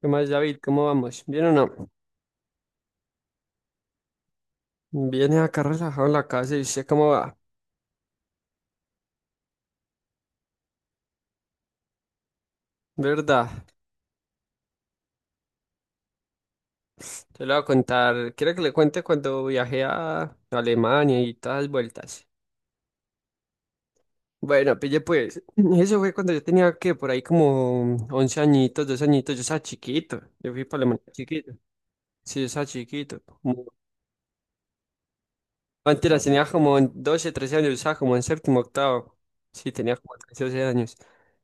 ¿Qué más, David? ¿Cómo vamos? ¿Bien o no? Viene acá relajado en la casa y usted cómo va. ¿Verdad? Te lo voy a contar. Quiero que le cuente cuando viajé a Alemania y todas las vueltas. Bueno, pille pues. Eso fue cuando yo tenía que por ahí como 11 añitos, 12 añitos. Yo estaba chiquito. Yo fui para Alemania chiquito. Sí, yo estaba chiquito. Antes la tenías como en 12, 13 años, estaba como en séptimo, octavo. Sí, tenía como 13, 12 años.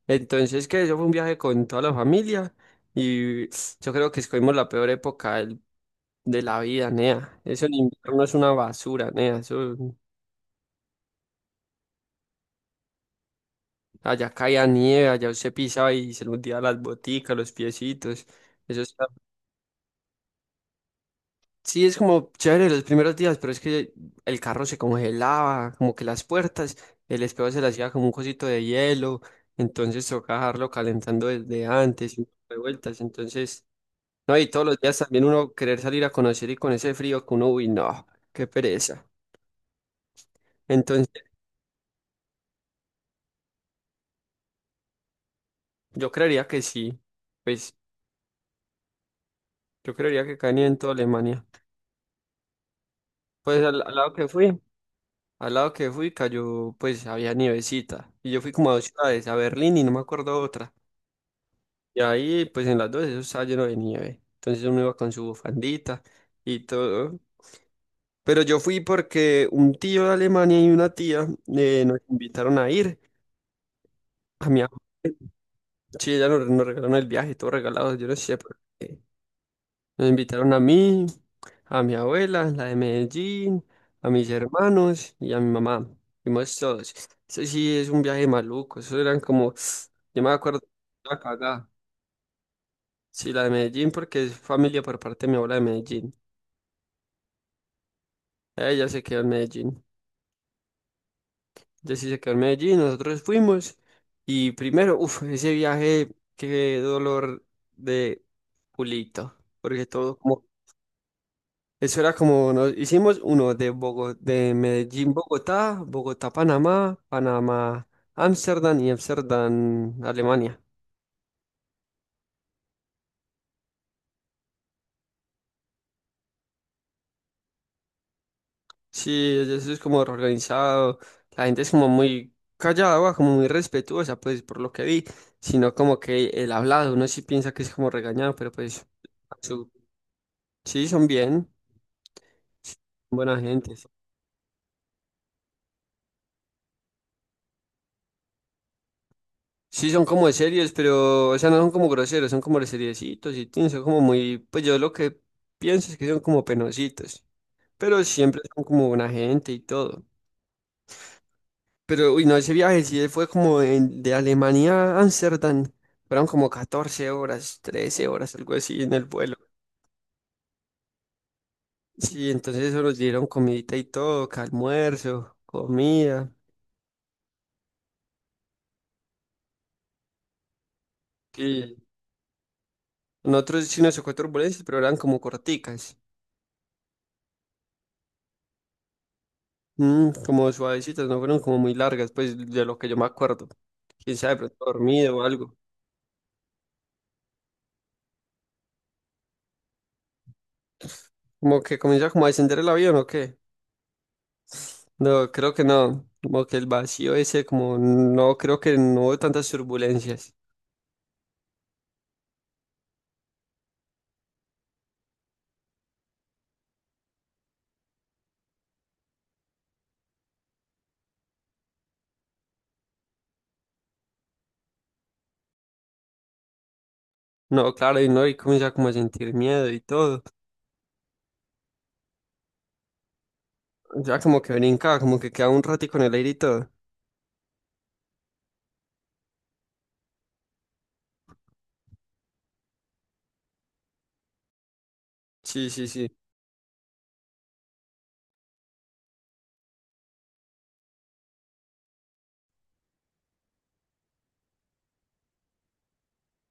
Entonces, que eso fue un viaje con toda la familia y yo creo que escogimos la peor época de la vida, nea. Eso en invierno es una basura, nea. Eso, allá caía nieve, allá usted pisaba y se le hundía las boticas, los piecitos. Eso es Sí, es como chévere los primeros días, pero es que el carro se congelaba, como que las puertas, el espejo se le hacía como un cosito de hielo, entonces tocaba dejarlo calentando desde antes y un poco de vueltas, entonces, no, y todos los días también uno querer salir a conocer y con ese frío que uno, uy, no, qué pereza. Entonces, yo creería que sí, pues yo creería que caía en toda Alemania. Pues al, al lado que fui, al lado que fui cayó, pues había nievecita, y yo fui como a dos ciudades, a Berlín y no me acuerdo otra. Y ahí, pues en las dos, eso estaba lleno de nieve. Entonces uno iba con su bufandita y todo. Pero yo fui porque un tío de Alemania y una tía nos invitaron a ir. A mi abuela. Sí, ya nos regalaron el viaje, todo regalado, yo no sé por qué. Nos invitaron a mí, a mi abuela, la de Medellín, a mis hermanos y a mi mamá. Fuimos todos. Eso sí es un viaje maluco. Eso eran como, yo me acuerdo, una cagada. Sí, la de Medellín porque es familia por parte de mi abuela de Medellín. Ella se quedó en Medellín. Ella sí se quedó en Medellín, nosotros fuimos y primero, uff, ese viaje, qué dolor de culito, porque todo como, eso era como, nos hicimos uno de de Medellín, Bogotá, Bogotá, Panamá, Panamá, Ámsterdam y Ámsterdam, Alemania. Sí, eso es como organizado, la gente es como muy callada, va, como muy respetuosa, pues por lo que vi, sino como que el hablado, uno sí piensa que es como regañado, pero pues... Sí, son bien. Sí, son buena gente. Sí, sí, son como de series, pero, o sea, no son como groseros, son como de seriecitos y tin, son como muy, pues yo lo que pienso es que son como penositos, pero siempre son como buena gente y todo. Pero, uy, no, ese viaje sí fue como de Alemania a Ámsterdam, fueron como 14 horas, 13 horas, algo así en el vuelo. Sí, entonces eso nos dieron comidita y todo, que almuerzo, comida. Sí. Nosotros sí nos tocó turbulencias, pero eran como corticas. Como suavecitas, no fueron como muy largas, pues de lo que yo me acuerdo. Quién sabe, de pronto dormido o algo. Como que comienza como a descender el avión o qué. No, creo que no. Como que el vacío ese, como no, creo que no hubo tantas turbulencias. No, claro, y no, y comienza como a sentir miedo y todo. Ya como que brinca, como que queda un ratico en el aire y todo. Sí, sí, sí,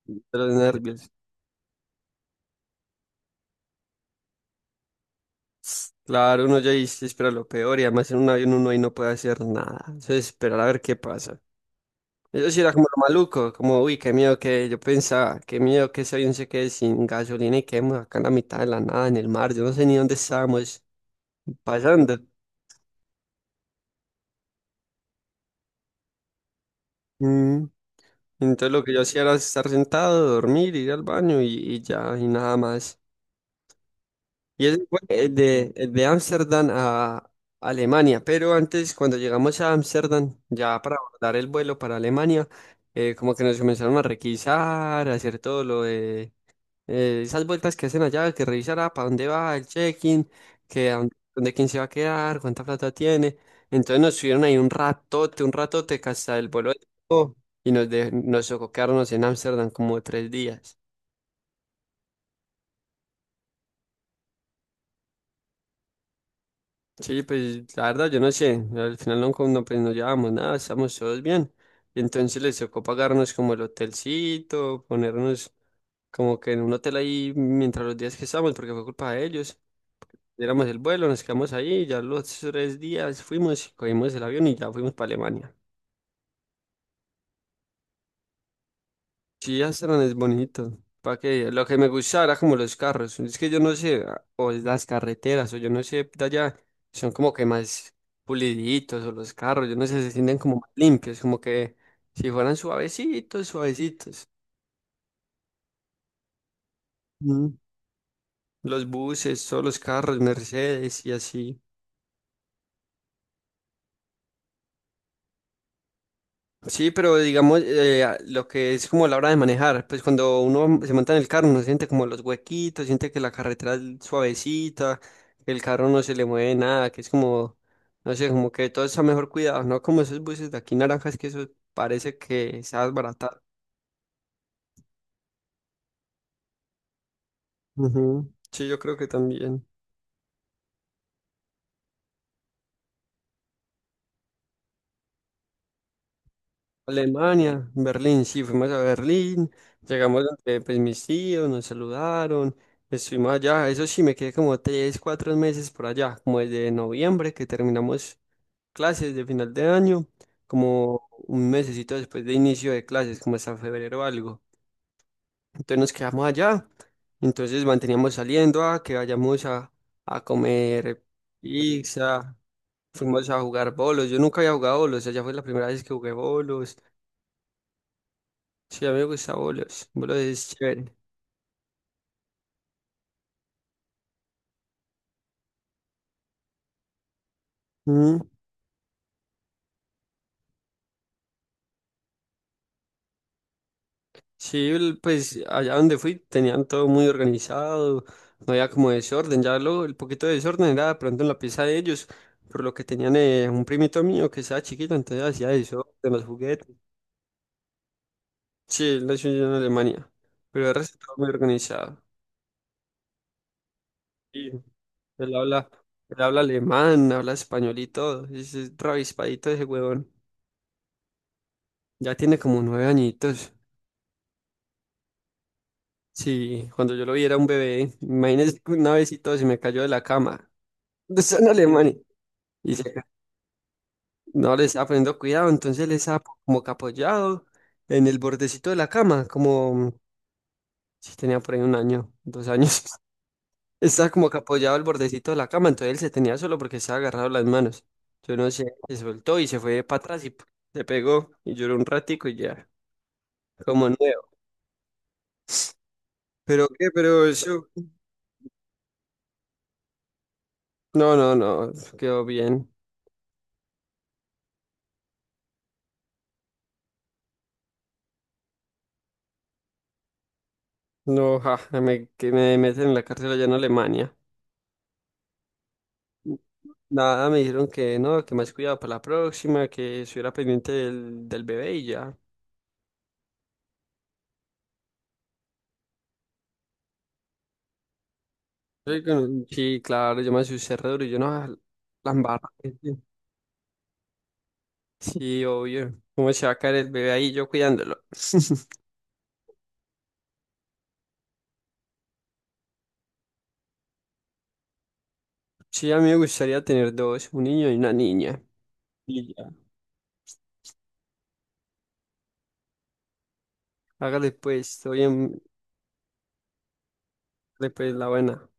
de los nervios. Claro, uno ya ahí se espera lo peor y además en un avión uno ahí no puede hacer nada. Entonces, esperar a ver qué pasa. Eso sí era como lo maluco, como, uy, qué miedo que yo pensaba, qué miedo que ese avión se quede sin gasolina y quedemos acá en la mitad de la nada, en el mar, yo no sé ni dónde estábamos pasando. Mm, Entonces lo que yo hacía era estar sentado, dormir, ir al baño y ya, y nada más. Y ese fue el de Ámsterdam a Alemania, pero antes, cuando llegamos a Ámsterdam, ya para abordar el vuelo para Alemania, como que nos comenzaron a requisar, a hacer todo lo de esas vueltas que hacen allá, que revisará para dónde va el check-in, que a dónde quién se va a quedar, cuánta plata tiene. Entonces nos subieron ahí un ratote que hasta el vuelo despegó, y nos tocó quedarnos en Ámsterdam como 3 días. Sí, pues la verdad yo no sé, al final no, no, pues, no llevamos nada, estamos todos bien. Y entonces les tocó pagarnos como el hotelcito, ponernos como que en un hotel ahí mientras los días que estábamos, porque fue culpa de ellos. Éramos el vuelo, nos quedamos ahí, ya los 3 días fuimos, cogimos el avión y ya fuimos para Alemania. Sí, Amsterdam es bonito. ¿Para qué? Lo que me gustaba era como los carros. Es que yo no sé, o las carreteras, o yo no sé, de allá son como que más puliditos, o los carros, yo no sé, se sienten como más limpios, como que si fueran suavecitos, suavecitos. Mm. Los buses, todos los carros, Mercedes y así. Sí, pero digamos, lo que es como la hora de manejar, pues cuando uno se monta en el carro, uno siente como los huequitos, siente que la carretera es suavecita, que el carro no se le mueve nada, que es como, no sé, como que todo está mejor cuidado, ¿no? Como esos buses de aquí naranjas que eso parece que se ha desbaratado. Ujú. Sí, yo creo que también. Alemania, Berlín, sí, fuimos a Berlín, llegamos donde pues mis tíos nos saludaron, estuvimos allá, eso sí, me quedé como 3, 4 meses por allá, como desde noviembre que terminamos clases de final de año, como un mesecito después de inicio de clases, como hasta febrero o algo. Entonces nos quedamos allá, entonces manteníamos saliendo a que vayamos a comer pizza, fuimos a jugar bolos, yo nunca había jugado bolos, allá fue la primera vez que jugué bolos. Sí, amigo que está bolos. Bolos es chévere. Mm, sí, pues allá donde fui tenían todo muy organizado, no había como desorden, ya lo el poquito de desorden era de pronto en la pieza de ellos, por lo que tenían un primito mío que estaba chiquito, entonces hacía eso, de los juguetes. Sí, él nació en Alemania, pero el resto todo muy organizado. Y él habla, él habla alemán, habla español y todo, es ravispadito ese huevón, ya tiene como 9 añitos. Sí, cuando yo lo vi era un bebé. Imagínese que una vez y todo se me cayó de la cama. Eso en Alemania. Y se ca- no le estaba poniendo cuidado, entonces él estaba como que apoyado en el bordecito de la cama, como si tenía por ahí 1 año, 2 años. Estaba como que apoyado al bordecito de la cama, entonces él se tenía solo porque estaba agarrado las manos. Yo no sé, se soltó y se fue para atrás y se pegó y lloró un ratico y ya, como nuevo. ¿Pero qué? Pero eso, no, no, no, quedó bien. No, ja, que me meten en la cárcel allá en Alemania. Nada, me dijeron que no, que más cuidado para la próxima, que estuviera pendiente del bebé y ya. Sí, sí, claro, yo me asusté re duro y yo no, la embarra. Sí, obvio. ¿Cómo se va a caer el bebé ahí yo cuidándolo? Sí, a mí me gustaría tener dos, un niño y una niña. Y ya. Hágale pues, pues la buena.